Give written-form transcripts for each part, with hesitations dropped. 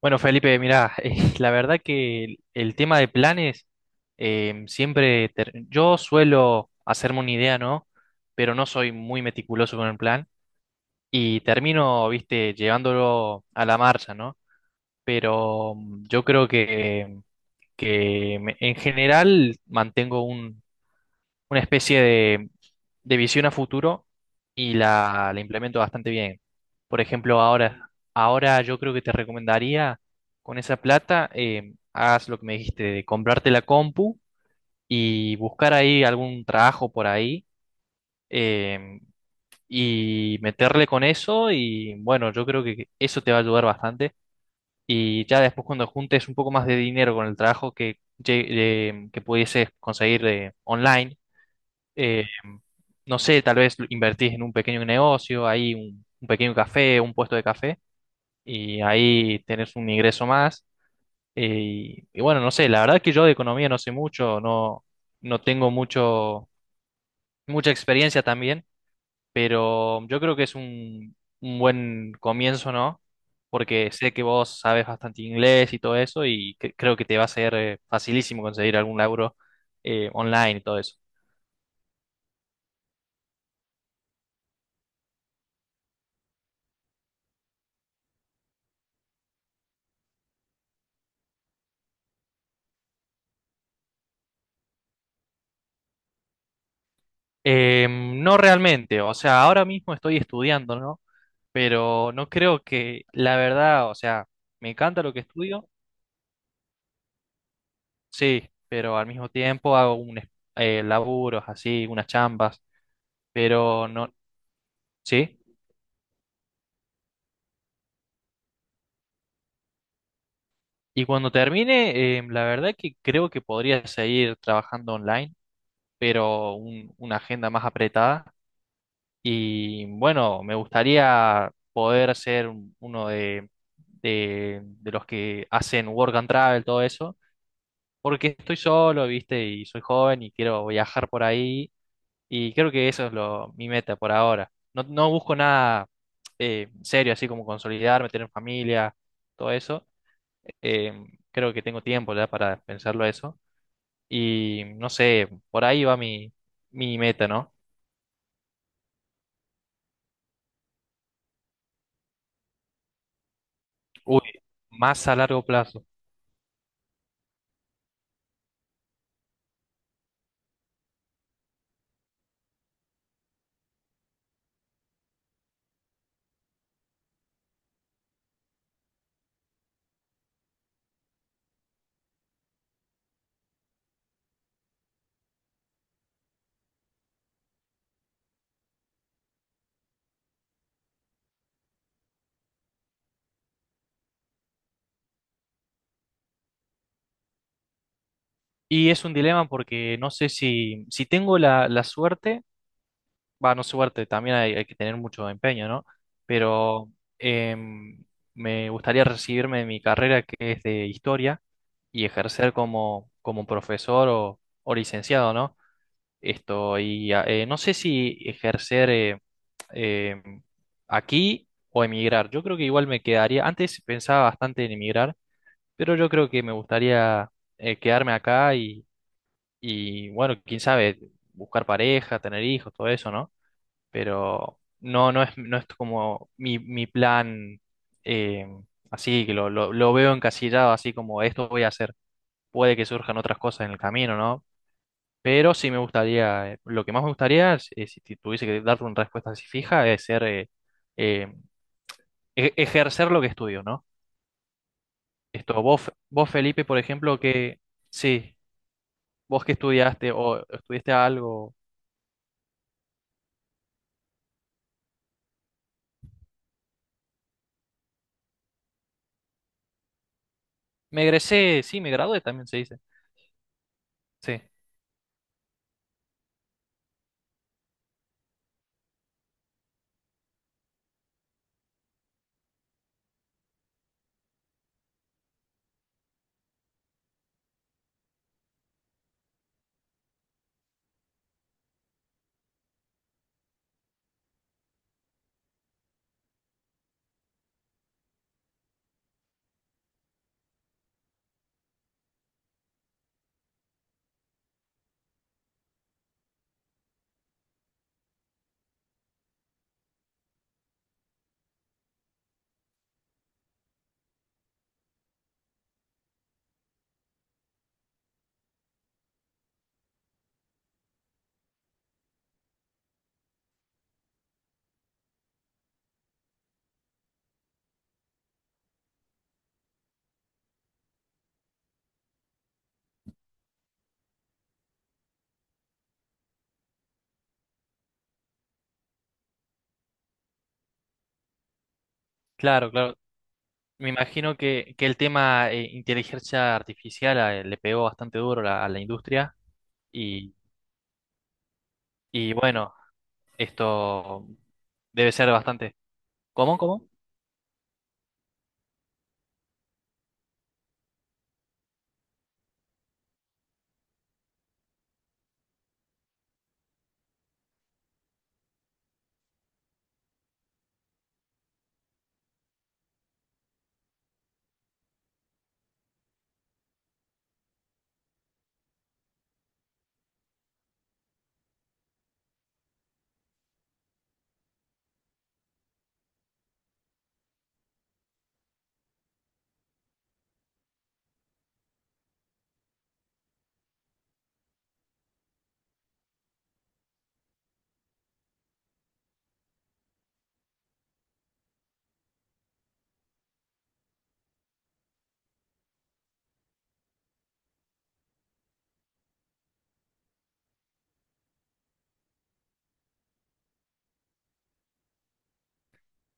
Bueno, Felipe, mirá, la verdad que el tema de planes siempre yo suelo hacerme una idea, ¿no? Pero no soy muy meticuloso con el plan y termino, viste, llevándolo a la marcha, ¿no? Pero yo creo en general mantengo una especie de visión a futuro y la implemento bastante bien. Por ejemplo, ahora yo creo que te recomendaría con esa plata, hagas lo que me dijiste, de comprarte la compu y buscar ahí algún trabajo por ahí eh, y meterle con eso y bueno, yo creo que eso te va a ayudar bastante. Y ya después cuando juntes un poco más de dinero con el trabajo que pudieses conseguir online, eh, no sé, tal vez invertís en un pequeño negocio, ahí un pequeño café, un puesto de café, y ahí tenés un ingreso más. eh, y bueno, no sé, la verdad que yo de economía no sé mucho, no, no tengo mucho, mucha experiencia también, pero yo creo que es un buen comienzo, ¿no? Porque sé que vos sabes bastante inglés y todo eso, y creo que te va a ser facilísimo conseguir algún laburo online y todo eso. No realmente, o sea, ahora mismo estoy estudiando, ¿no? Pero no creo que, la verdad, o sea, me encanta lo que estudio, sí, pero al mismo tiempo hago laburos así, unas chambas, pero no, sí. Y cuando termine, la verdad que creo que podría seguir trabajando online, pero una agenda más apretada. Y bueno, me gustaría poder ser uno de los que hacen work and travel, todo eso, porque estoy solo, ¿viste? Y soy joven y quiero viajar por ahí. Y creo que eso es lo, mi meta por ahora. No, no busco nada serio, así como consolidarme, tener familia, todo eso. Eh, creo que tengo tiempo ya para pensarlo eso. Y no sé, por ahí va mi meta, ¿no? Uy, más a largo plazo. Y es un dilema porque no sé si tengo la suerte, va, no suerte, también hay que tener mucho empeño, ¿no? Pero em, me gustaría recibirme de mi carrera que es de historia y ejercer como, como profesor o licenciado, ¿no? Esto, y no sé si ejercer em, aquí o emigrar. Yo creo que igual me quedaría, antes pensaba bastante en emigrar, pero yo creo que me gustaría quedarme acá y bueno, quién sabe, buscar pareja, tener hijos, todo eso, ¿no? Pero no, no es, no es como mi plan, eh, así, lo veo encasillado, así como esto voy a hacer. Puede que surjan otras cosas en el camino, ¿no? Pero sí me gustaría, lo que más me gustaría, es si tuviese que darte una respuesta así fija, es ser, eh, ejercer lo que estudio, ¿no? Esto, vos Felipe, por ejemplo, que sí, vos que estudiaste o estudiaste algo. Me egresé, sí, me gradué también se dice. Sí, claro, claro. Me imagino que el tema inteligencia artificial le pegó bastante duro a la industria y, y bueno, esto debe ser bastante. ¿Cómo? ¿Cómo?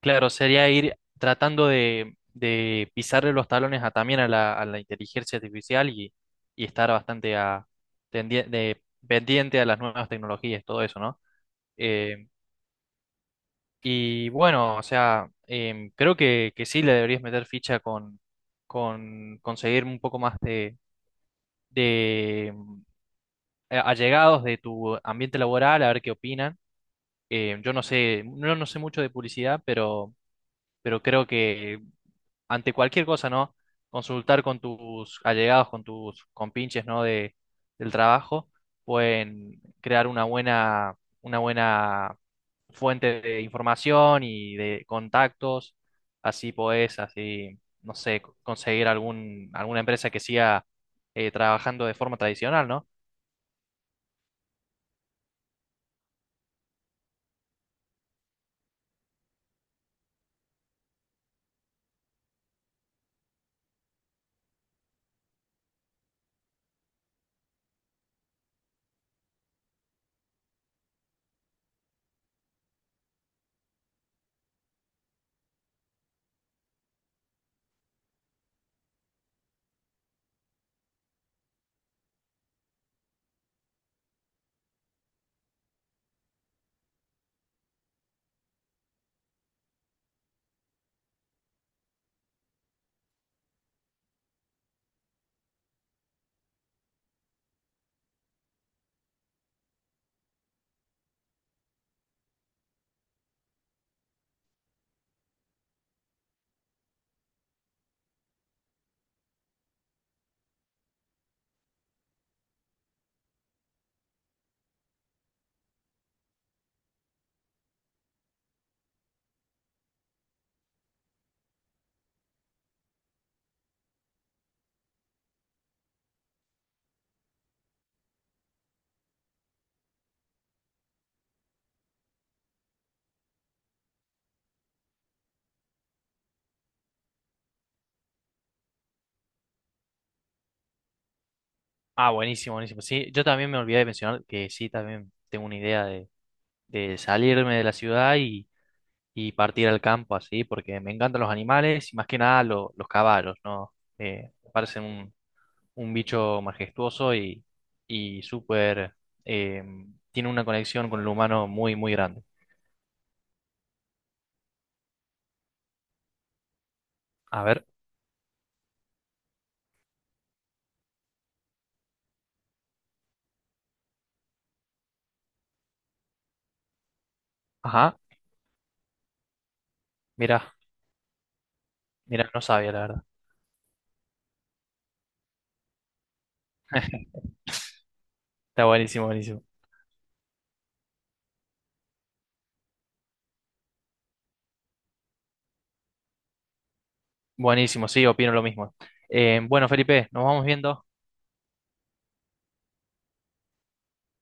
Claro, sería ir tratando de pisarle los talones a, también a a la inteligencia artificial y estar bastante a, pendiente a las nuevas tecnologías, todo eso, ¿no? Eh, y bueno, o sea, creo que sí le deberías meter ficha con conseguir un poco más de allegados de tu ambiente laboral, a ver qué opinan. Yo no sé, no, no sé mucho de publicidad, pero creo que ante cualquier cosa, ¿no? Consultar con tus allegados, con tus compinches, ¿no? De, del trabajo, pueden crear una buena fuente de información y de contactos. Así podés, así, no sé, conseguir algún, alguna empresa que siga trabajando de forma tradicional, ¿no? Ah, buenísimo, buenísimo. Sí, yo también me olvidé de mencionar que sí, también tengo una idea de salirme de la ciudad y partir al campo así, porque me encantan los animales y más que nada los caballos, ¿no? Me parecen un bicho majestuoso y súper, eh, tiene una conexión con el humano muy, muy grande. A ver, ajá, mira, mira, no sabía la verdad. Está buenísimo, buenísimo. Buenísimo, sí, opino lo mismo. Bueno, Felipe, nos vamos viendo.